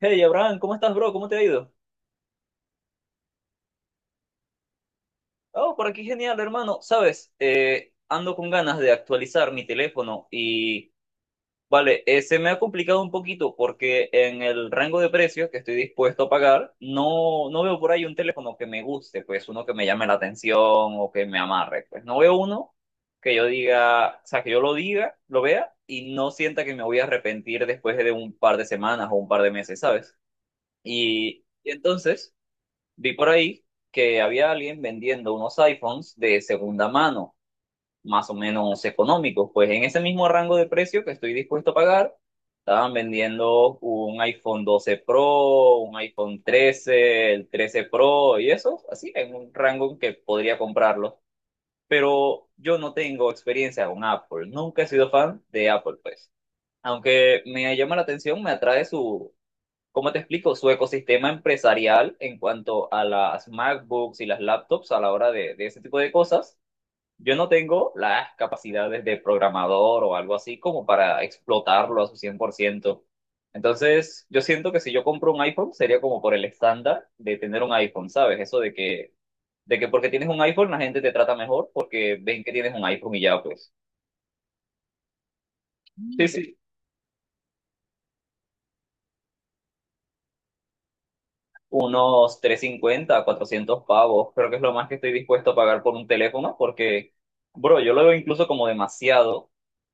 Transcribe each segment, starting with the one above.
Hey Abraham, ¿cómo estás, bro? ¿Cómo te ha ido? Oh, por aquí genial, hermano. Sabes, ando con ganas de actualizar mi teléfono y, vale, se me ha complicado un poquito porque en el rango de precios que estoy dispuesto a pagar, no, no veo por ahí un teléfono que me guste, pues uno que me llame la atención o que me amarre. Pues no veo uno que yo diga, o sea, que yo lo diga, lo vea y no sienta que me voy a arrepentir después de un par de semanas o un par de meses, ¿sabes? Y entonces. Vi por ahí que había alguien vendiendo unos iPhones de segunda mano, más o menos económicos. Pues en ese mismo rango de precio que estoy dispuesto a pagar, estaban vendiendo un iPhone 12 Pro, un iPhone 13, el 13 Pro y eso, así, en un rango en que podría comprarlo. Pero yo no tengo experiencia con Apple, nunca he sido fan de Apple, pues. Aunque me llama la atención, me atrae su, ¿cómo te explico? Su ecosistema empresarial en cuanto a las MacBooks y las laptops a la hora de, ese tipo de cosas, yo no tengo las capacidades de programador o algo así como para explotarlo a su 100%. Entonces, yo siento que si yo compro un iPhone sería como por el estándar de tener un iPhone, ¿sabes? Eso de que porque tienes un iPhone la gente te trata mejor porque ven que tienes un iPhone y ya pues. Sí, sí, unos 350 a 400 pavos. Creo que es lo más que estoy dispuesto a pagar por un teléfono porque, bro, yo lo veo incluso como demasiado,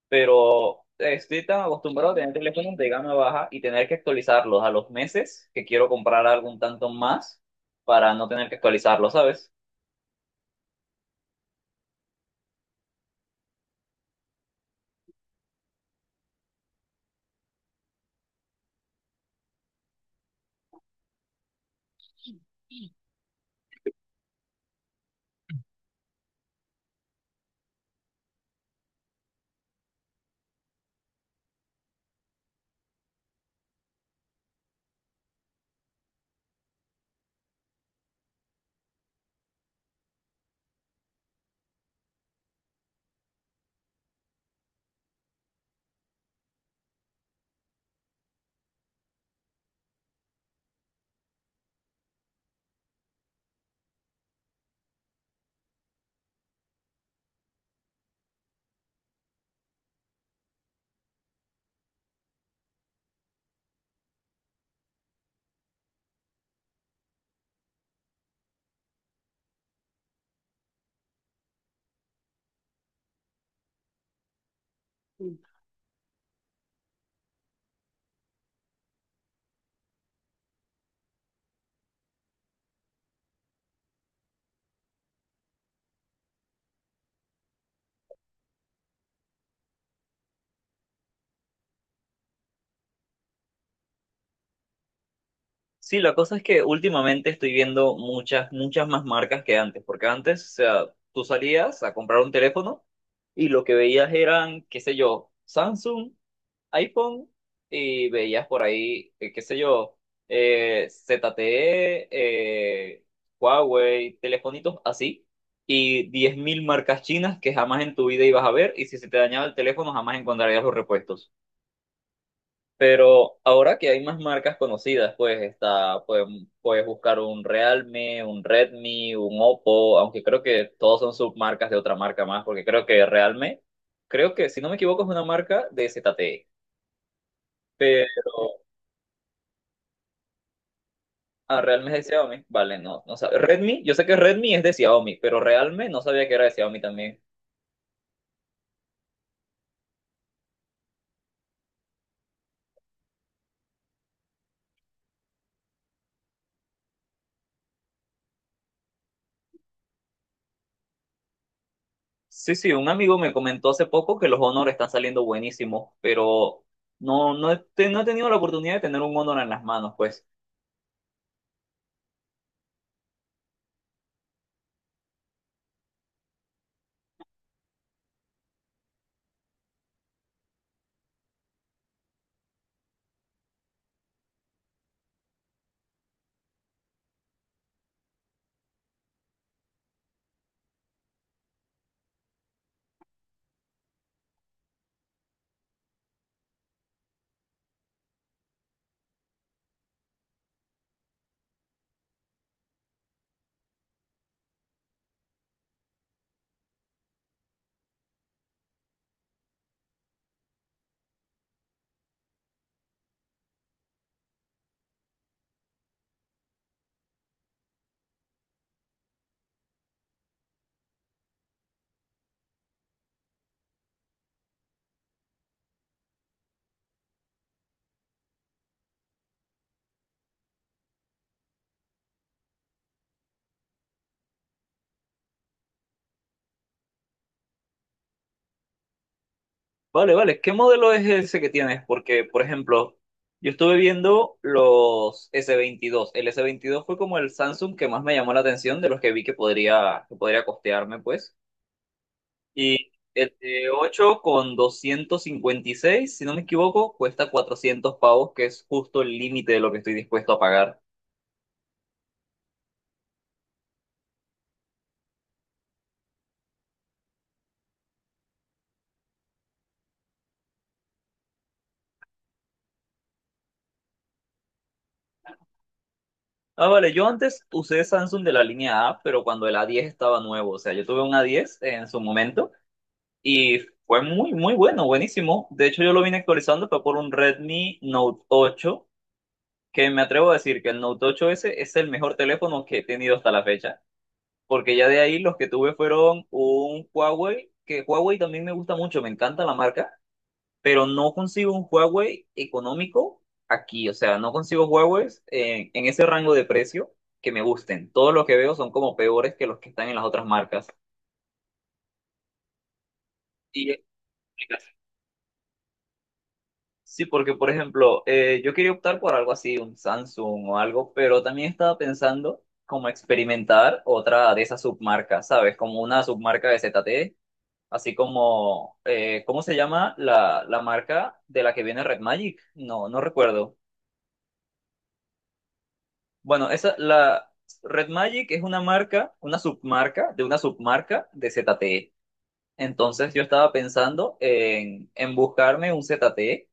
pero estoy tan acostumbrado a tener teléfonos de gama baja y tener que actualizarlos a los meses que quiero comprar algún tanto más para no tener que actualizarlos, ¿sabes? Sí, la cosa es que últimamente estoy viendo muchas, muchas más marcas que antes, porque antes, o sea, tú salías a comprar un teléfono y lo que veías eran, qué sé yo, Samsung, iPhone, y veías por ahí, qué sé yo, ZTE, eh, Huawei, telefonitos así, y 10.000 marcas chinas que jamás en tu vida ibas a ver, y si se te dañaba el teléfono jamás encontrarías los repuestos. Pero ahora que hay más marcas conocidas, pues puedes buscar un Realme, un Redmi, un Oppo, aunque creo que todos son submarcas de otra marca más, porque creo que Realme, creo que si no me equivoco es una marca de ZTE. Pero Ah, Realme es de Xiaomi. Vale, no, no sabía. Redmi, yo sé que Redmi es de Xiaomi, pero Realme no sabía que era de Xiaomi también. Sí, sí, un amigo me comentó hace poco que los Honor están saliendo buenísimos, pero no he tenido la oportunidad de tener un Honor en las manos, pues. Vale, vale, ¿qué modelo es ese que tienes? Porque, por ejemplo, yo estuve viendo los S22. El S22 fue como el Samsung que más me llamó la atención de los que vi que podría, costearme, pues. Y el de 8 con 256 si no me equivoco, cuesta 400 pavos, que es justo el límite de lo que estoy dispuesto a pagar. Ah, vale, yo antes usé Samsung de la línea A, pero cuando el A10 estaba nuevo, o sea, yo tuve un A10 en su momento y fue muy, muy bueno, buenísimo. De hecho, yo lo vine actualizando, fue por un Redmi Note 8 que me atrevo a decir que el Note 8s es el mejor teléfono que he tenido hasta la fecha, porque ya de ahí los que tuve fueron un Huawei, que Huawei también me gusta mucho, me encanta la marca, pero no consigo un Huawei económico aquí, o sea, no consigo Huawei en ese rango de precio que me gusten. Todos los que veo son como peores que los que están en las otras marcas. Y Sí, porque por ejemplo, yo quería optar por algo así, un Samsung o algo, pero también estaba pensando como experimentar otra de esas submarcas, ¿sabes? Como una submarca de ZTE. Así como, ¿cómo se llama la, marca de la que viene Red Magic? No, no recuerdo. Bueno, la Red Magic es una marca, una submarca de ZTE. Entonces yo estaba pensando en buscarme un ZTE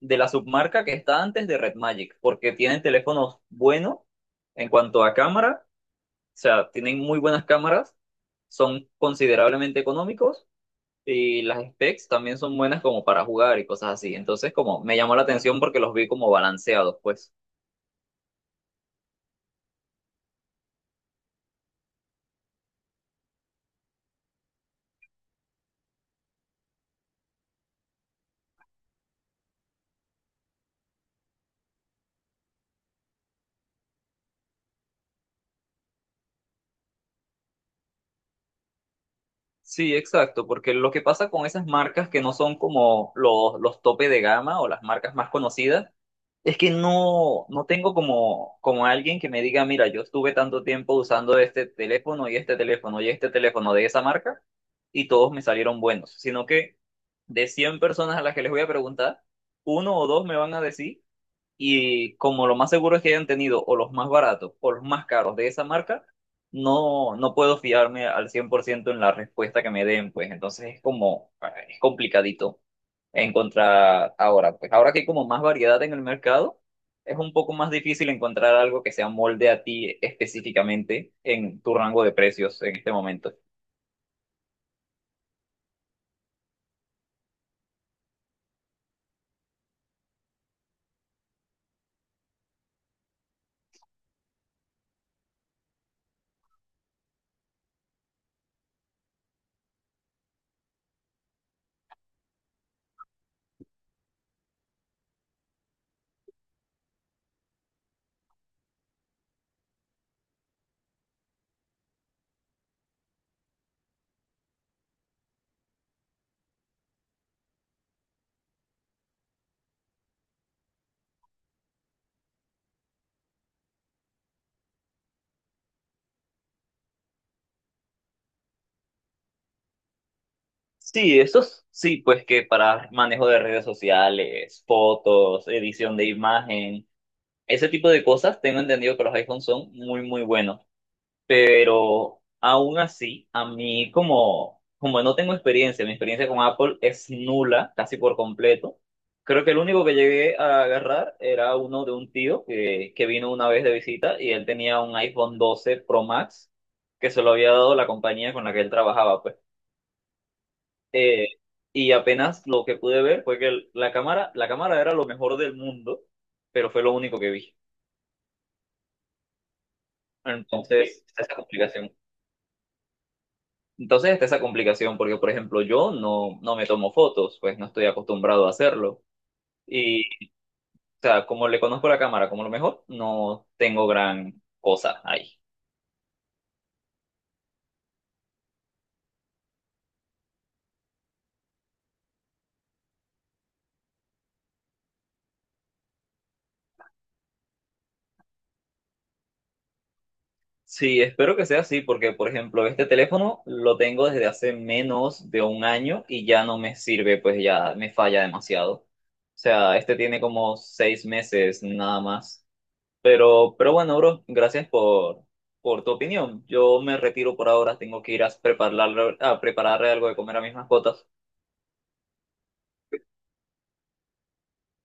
de la submarca que está antes de Red Magic, porque tienen teléfonos buenos en cuanto a cámara, o sea, tienen muy buenas cámaras, son considerablemente económicos. Y las specs también son buenas como para jugar y cosas así. Entonces, como me llamó la atención porque los vi como balanceados, pues. Sí, exacto, porque lo que pasa con esas marcas que no son como los, tope de gama o las marcas más conocidas, es que no, no tengo como alguien que me diga, mira, yo estuve tanto tiempo usando este teléfono y este teléfono y este teléfono de esa marca y todos me salieron buenos, sino que de 100 personas a las que les voy a preguntar, uno o dos me van a decir. Y como lo más seguro es que hayan tenido o los más baratos o los más caros de esa marca, no, no puedo fiarme al 100% en la respuesta que me den, pues entonces es como, ah, es complicadito encontrar ahora. Pues ahora que hay como más variedad en el mercado, es un poco más difícil encontrar algo que se molde a ti específicamente en tu rango de precios en este momento. Sí, esos sí, pues que para manejo de redes sociales, fotos, edición de imagen. Ese tipo de cosas, tengo entendido que los iPhones son muy, muy buenos, pero aún así, a mí como, no tengo experiencia, mi experiencia con Apple es nula, casi por completo. Creo que el único que llegué a agarrar era uno de un tío que vino una vez de visita y él tenía un iPhone 12 Pro Max que se lo había dado la compañía con la que él trabajaba, pues. Eh, y apenas lo que pude ver fue que la cámara era lo mejor del mundo, pero fue lo único que vi. Entonces, está esa complicación. Entonces, está esa complicación porque, por ejemplo, yo no, no me tomo fotos, pues no estoy acostumbrado a hacerlo. Y, o sea, como le conozco la cámara como lo mejor, no tengo gran cosa ahí. Sí, espero que sea así porque, por ejemplo, este teléfono lo tengo desde hace menos de un año y ya no me sirve, pues ya me falla demasiado. O sea, este tiene como 6 meses nada más. Pero bueno, bro, gracias por, tu opinión. Yo me retiro por ahora, tengo que ir a prepararle algo de comer a mis mascotas.